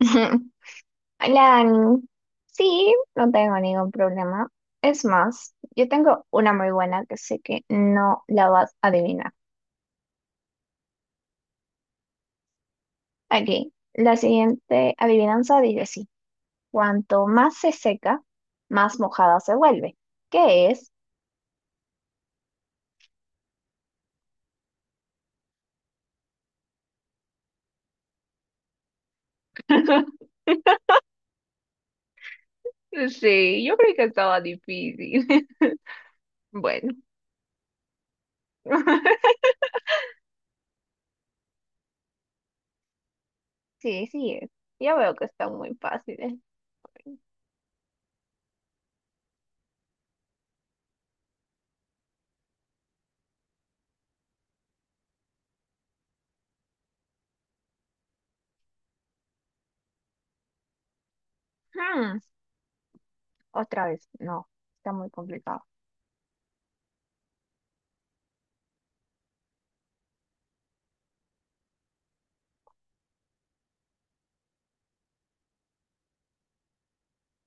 Hola, Dani. Sí, no tengo ningún problema. Es más, yo tengo una muy buena que sé que no la vas a adivinar. Aquí, la siguiente adivinanza dice así: cuanto más se seca, más mojada se vuelve. ¿Qué es? Sí, yo creí que estaba difícil. Bueno. Sí, sí es. Yo veo que está muy fácil. ¿Eh? Hmm, Otra vez, no, está muy complicado.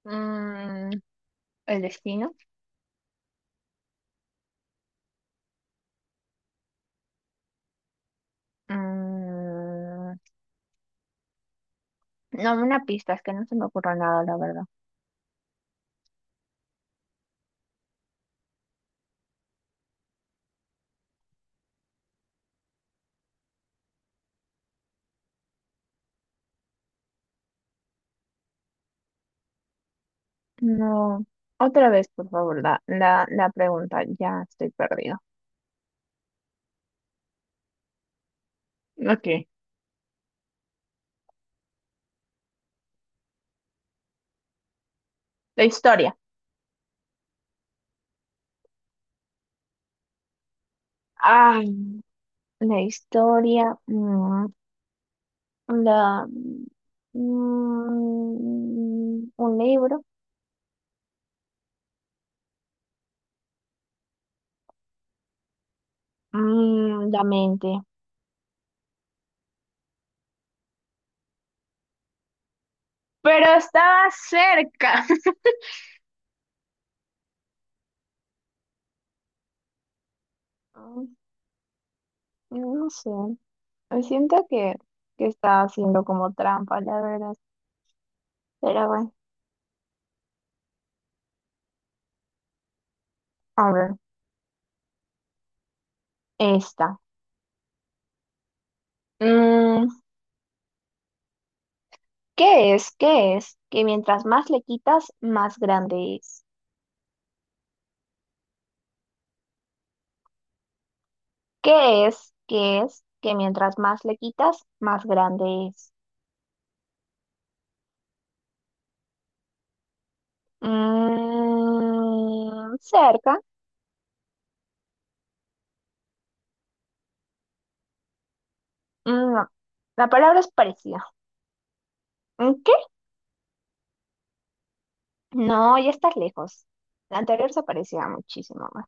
Mm, ¿El destino? Mm, no, una pista, es que no se me ocurre nada, la verdad. No. Otra vez, por favor, la pregunta. Ya estoy perdido. Ok. La historia. Ay, la historia. La, un libro. La mente. Pero estaba cerca. No sé. Siento que estaba haciendo como trampa, la verdad. Pero bueno, a ver. Esta. Mm, ¿Qué es? ¿Qué es? Que mientras más le quitas, más grande es. ¿Qué es? ¿Qué es? Que mientras más le quitas, más grande es. Cerca. No. La palabra es parecida. ¿Qué? No, ya estás lejos. La anterior se parecía muchísimo más.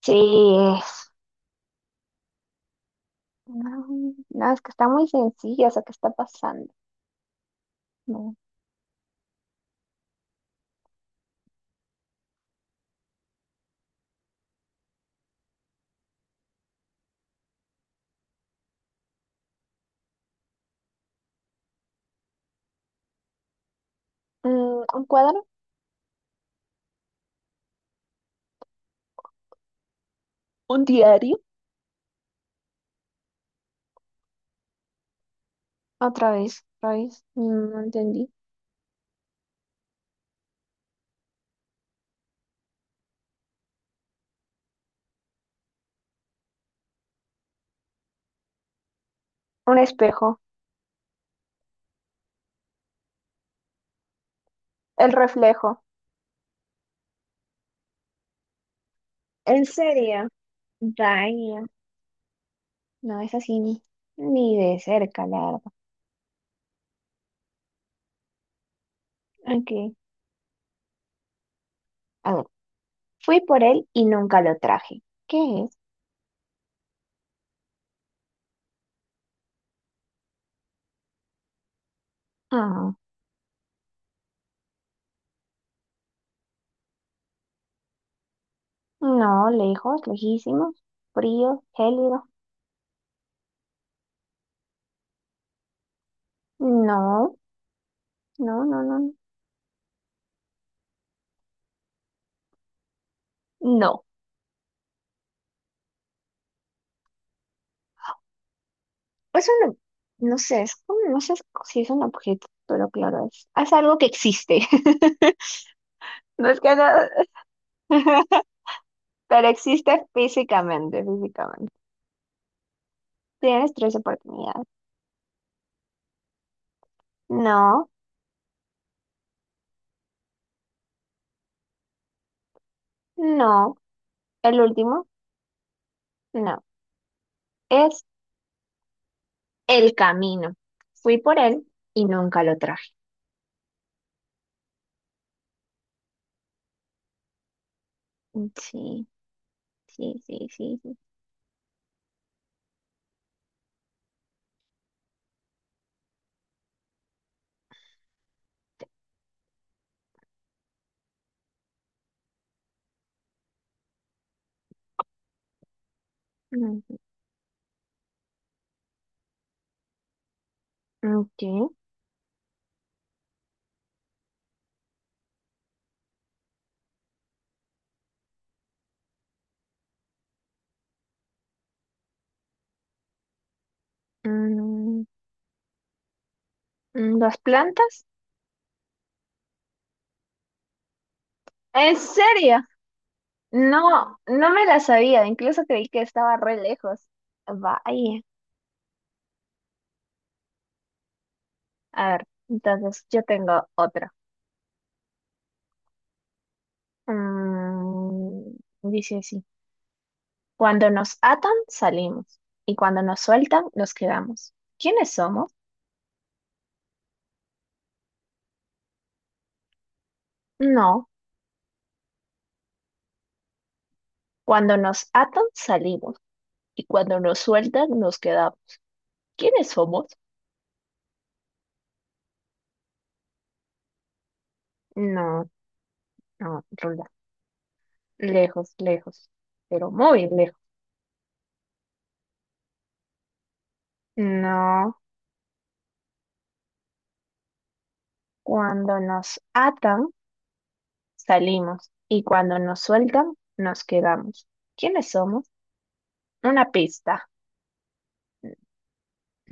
Sí, es. No, no, es que está muy sencilla eso que está pasando. No. ¿Un cuadro? ¿Un diario? Otra vez, otra vez. No entendí. Un espejo, el reflejo. ¿En serio? Vaya, no es así ni de cerca, la verdad. Ok. A ver, fui por él y nunca lo traje. ¿Qué es? Ah, no, lejos, lejísimos, frío, gélido. No, no, no, no, no. Eso no, no sé, es como, no sé si es un objeto, pero claro, es algo que existe. No es que no, pero existe físicamente, físicamente. Tienes tres oportunidades. No, no, el último, no, es el camino. Fui por él y nunca lo traje. Sí, sí, sí, sí, sí. Mm, ok. Mm, ¿Las plantas? ¿En serio? No, no me las sabía, incluso creí que estaba re lejos. Vaya. A ver, entonces yo tengo otra. Mm, Dice así, cuando nos atan, salimos, y cuando nos sueltan, nos quedamos. ¿Quiénes somos? No, cuando nos atan salimos y cuando nos sueltan nos quedamos. ¿Quiénes somos? No, no, Rula. Lejos, lejos, pero muy lejos. No, cuando nos atan salimos y cuando nos sueltan nos quedamos. ¿Quiénes somos? Una pista.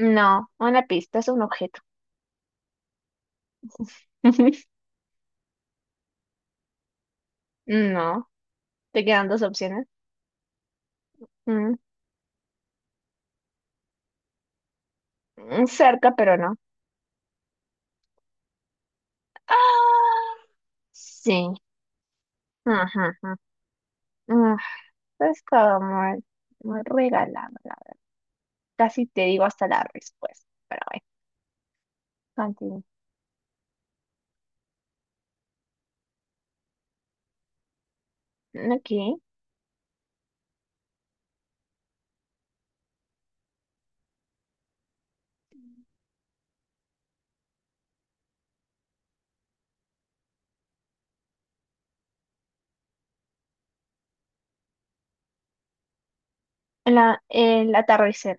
No, una pista es un objeto. No, te quedan dos opciones. Mm, Cerca, pero no. Ah, sí. Ujú, ujú, ujú. Estaba muy, muy regalado, la verdad. Casi te digo hasta la respuesta, pero bueno, continúo. Ok. El atardecer.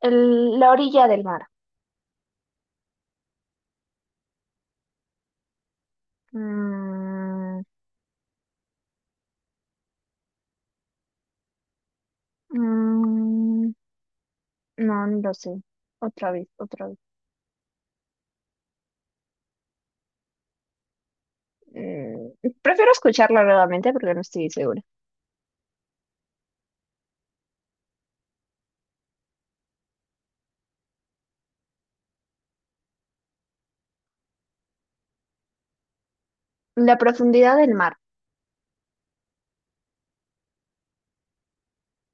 La orilla del mar. Mm, mm, no, no lo sé. Otra vez, otra vez. Mm, Prefiero escucharla nuevamente porque no estoy segura. La profundidad del mar.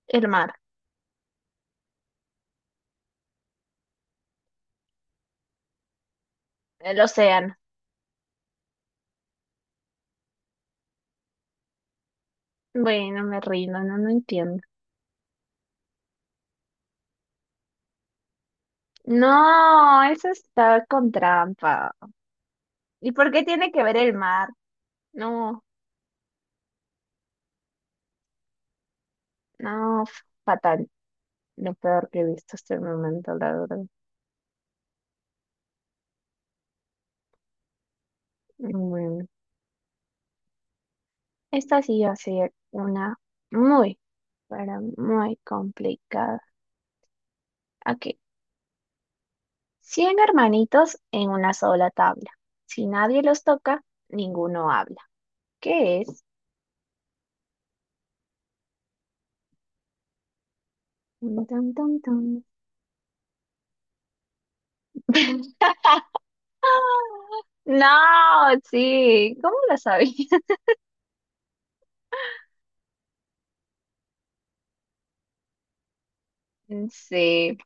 El mar. El océano. Bueno, me rindo, no, no entiendo. No, eso está con trampa. ¿Y por qué tiene que ver el mar? No. No, fatal. Lo peor que he visto hasta el momento, la verdad. Mm, Esta sí va a ser una muy, pero muy complicada. Ok. 100 hermanitos en una sola tabla. Si nadie los toca, ninguno habla. ¿Qué es? Tun, tun, tun, tun. No, sí. ¿Cómo lo sabía? Sí,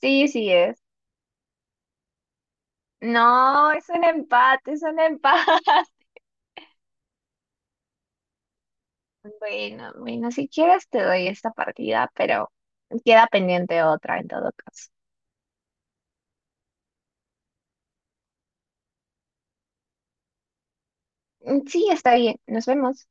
sí, sí es. No, es un empate, es un empate. Bueno, bueno, si quieres te doy esta partida, pero queda pendiente otra en todo caso. Sí, está bien, nos vemos.